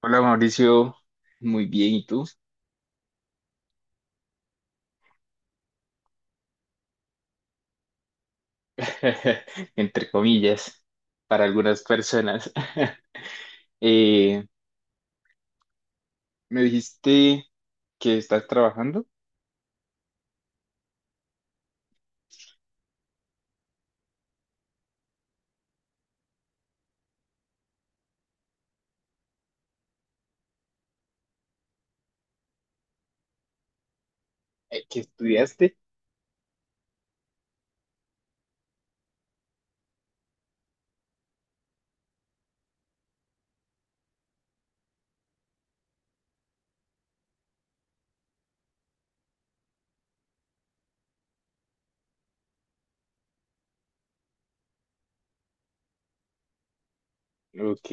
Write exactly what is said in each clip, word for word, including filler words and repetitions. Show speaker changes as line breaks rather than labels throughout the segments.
Hola Mauricio, muy bien, ¿y tú? Entre comillas, para algunas personas. Eh, me dijiste que estás trabajando, eh, que estudiaste. Ok,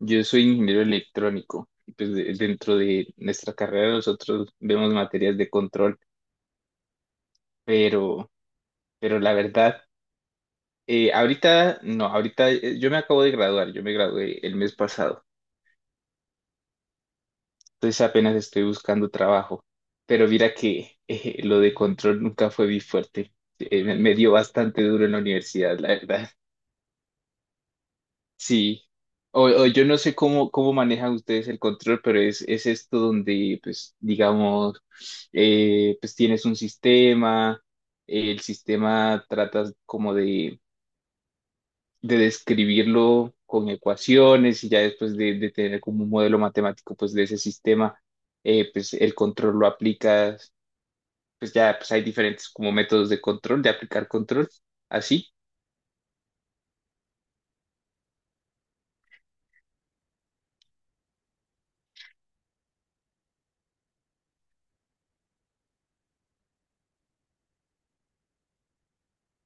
yo soy ingeniero electrónico. Y pues de- dentro de nuestra carrera nosotros vemos materias de control, pero, pero la verdad, eh, ahorita no, ahorita eh, yo me acabo de graduar, yo me gradué el mes pasado. Entonces apenas estoy buscando trabajo. Pero mira que eh, lo de control nunca fue mi fuerte. Eh, me me dio bastante duro en la universidad, la verdad. Sí. O, o yo no sé cómo, cómo manejan ustedes el control, pero es, es esto donde, pues, digamos, eh, pues tienes un sistema, el sistema tratas como de, de describirlo con ecuaciones y ya después de, de tener como un modelo matemático, pues, de ese sistema, eh, pues el control lo aplicas, pues ya pues hay diferentes como métodos de control, de aplicar control, así.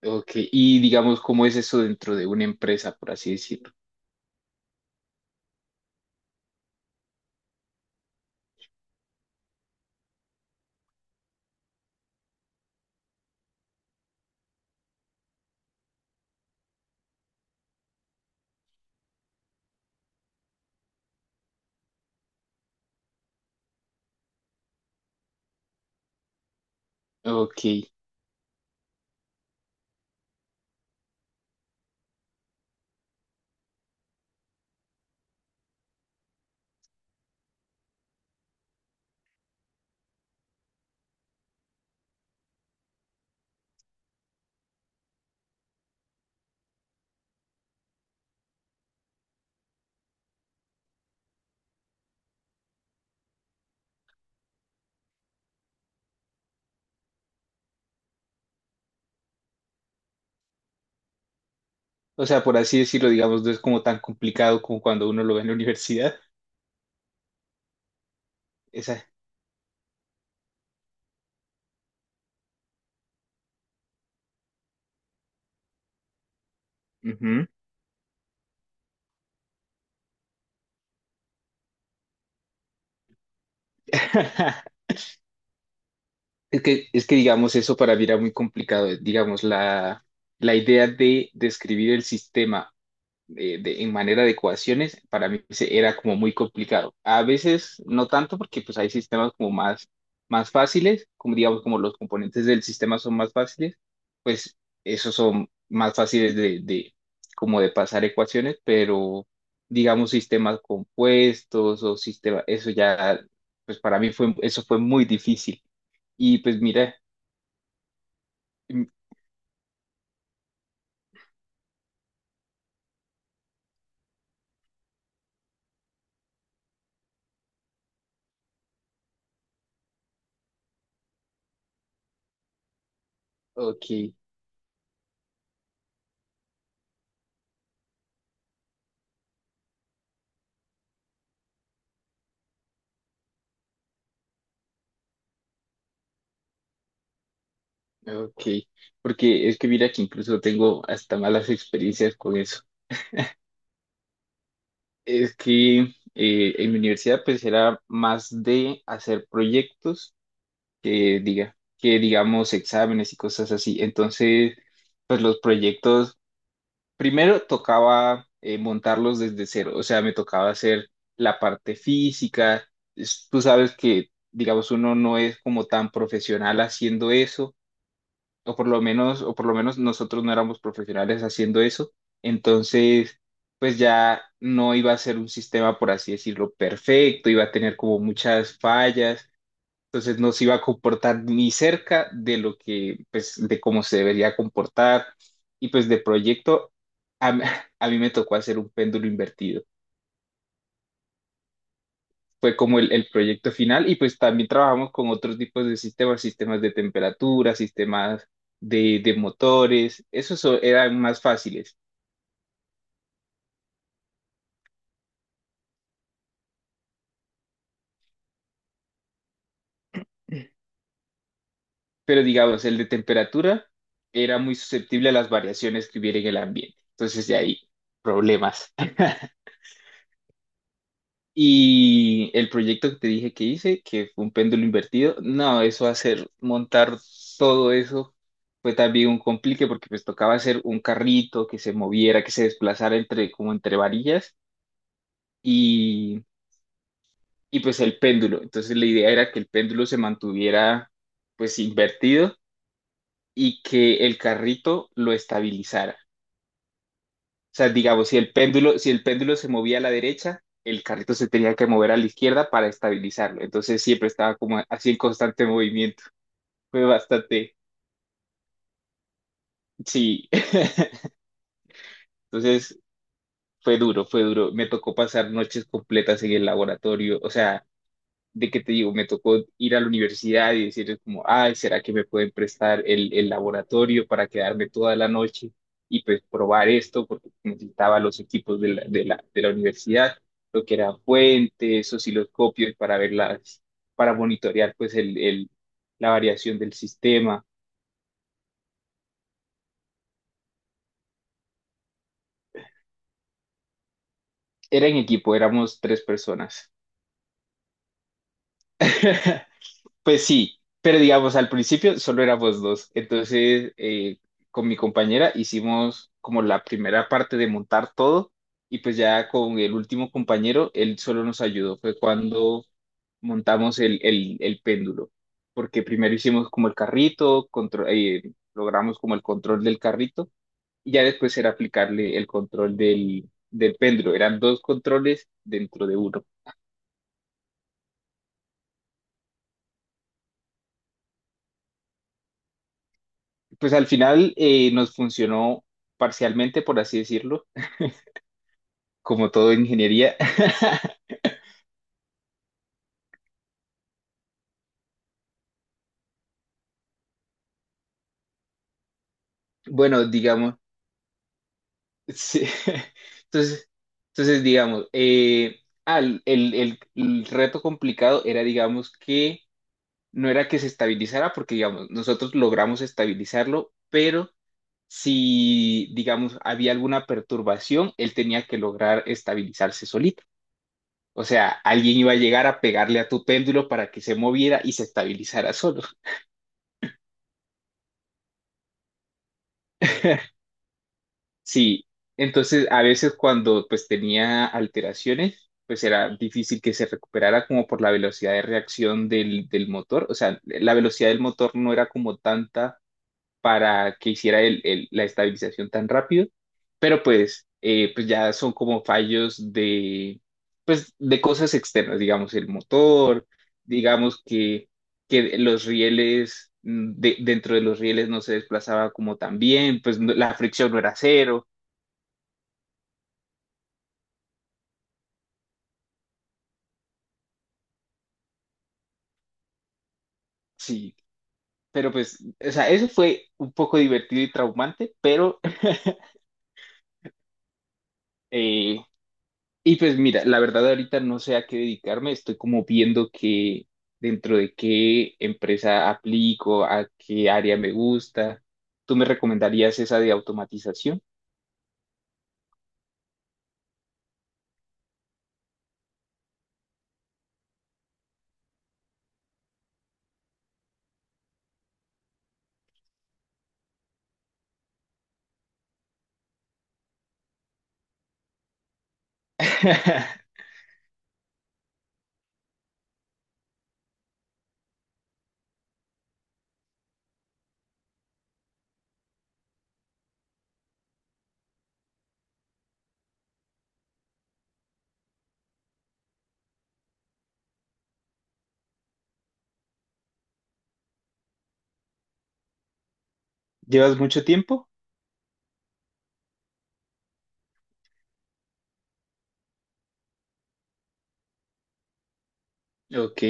Ok, y digamos, ¿cómo es eso dentro de una empresa, por así decirlo? Ok, o sea, por así decirlo, digamos, no es como tan complicado como cuando uno lo ve en la universidad. Esa. Ujú. Es que, es que, digamos, eso para mí era muy complicado. Digamos, la, la idea de describir el sistema de de- en manera de ecuaciones, para mí se- era como muy complicado. A veces no tanto porque pues hay sistemas como más, más fáciles, como digamos como los componentes del sistema son más fáciles, pues esos son más fáciles de, de como de pasar ecuaciones, pero digamos sistemas compuestos o sistemas, eso ya, pues para mí fue, eso fue muy difícil. Y pues mira, mm, ok, ok, porque es que mira que incluso tengo hasta malas experiencias con eso. Es que eh, en mi universidad pues era más de hacer proyectos que diga, que digamos exámenes y cosas así. Entonces, pues los proyectos, primero tocaba eh, montarlos desde cero, o sea, me tocaba hacer la parte física. Es- Tú sabes que, digamos, uno no es como tan profesional haciendo eso o por lo menos, o por lo menos nosotros no éramos profesionales haciendo eso, entonces pues ya no iba a ser un sistema, por así decirlo, perfecto, iba a tener como muchas fallas, entonces no se iba a comportar ni cerca de lo que, pues, de cómo se debería comportar, y pues de proyecto, a, a mí me tocó hacer un péndulo invertido. Fue como el, el proyecto final y pues también trabajamos con otros tipos de sistemas, sistemas de temperatura, sistemas de, de motores, esos so- eran más fáciles, pero digamos, el de temperatura era muy susceptible a las variaciones que hubiera en el ambiente, entonces de ahí problemas. Y el proyecto que te dije que hice, que fue un péndulo invertido, no, eso hacer, montar todo eso fue también un complique porque pues tocaba hacer un carrito que se moviera, que se desplazara entre, como entre varillas y, y pues el péndulo. Entonces la idea era que el péndulo se mantuviera pues invertido y que el carrito lo estabilizara. Sea, digamos, si el péndulo, si el péndulo se movía a la derecha, el carrito se tenía que mover a la izquierda para estabilizarlo. Entonces siempre estaba como así en constante movimiento. Fue bastante, sí. Entonces fue duro, fue duro. Me tocó pasar noches completas en el laboratorio. O sea, de que te digo, me tocó ir a la universidad y decirles como, ay, ¿será que me pueden prestar el, el laboratorio para quedarme toda la noche y pues probar esto? Porque necesitaba los equipos de la, de la, de la universidad, lo que eran fuentes, osciloscopios para ver las, para monitorear pues el, el, la variación del sistema. Era en equipo, éramos tres personas. Pues sí, pero digamos, al principio solo éramos dos. Entonces, eh, con mi compañera hicimos como la primera parte de montar todo y pues ya con el último compañero, él solo nos ayudó. Fue cuando montamos el, el, el péndulo, porque primero hicimos como el carrito, contro- eh, logramos como el control del carrito y ya después era aplicarle el control del, del péndulo. Eran dos controles dentro de uno. Pues al final eh, nos funcionó parcialmente, por así decirlo, como todo en ingeniería. Bueno, digamos, sí. Entonces, entonces digamos, eh, ah, el, el- el- el reto complicado era, digamos, que no era que se estabilizara, porque, digamos, nosotros logramos estabilizarlo, pero si, digamos, había alguna perturbación, él tenía que lograr estabilizarse solito. O sea, alguien iba a llegar a pegarle a tu péndulo para que se moviera y se estabilizara solo. Sí, entonces a veces cuando pues tenía alteraciones, pues era difícil que se recuperara como por la velocidad de reacción del, del motor, o sea, la velocidad del motor no era como tanta para que hiciera el- el- la estabilización tan rápido, pero pues, eh, pues ya son como fallos de, pues, de cosas externas, digamos, el motor, digamos que, que los rieles, mm, de- dentro de los rieles no se desplazaba como tan bien, pues no- la fricción no era cero. Sí, pero pues, o sea, eso fue un poco divertido y traumante, pero, eh, y pues mira, la verdad ahorita no sé a qué dedicarme, estoy como viendo que dentro de qué empresa aplico, a qué área me gusta. ¿Tú me recomendarías esa de automatización? ¿Llevas mucho tiempo? Ok,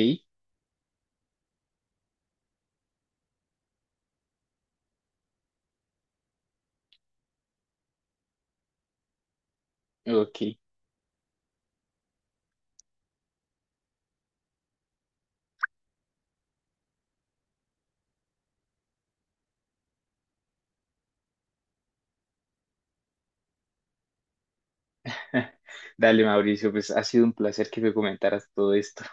ok. Dale, Mauricio, pues ha sido un placer que me comentaras todo esto.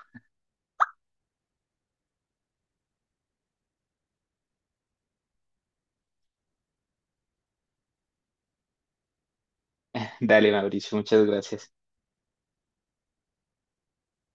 Dale, Mauricio, muchas gracias.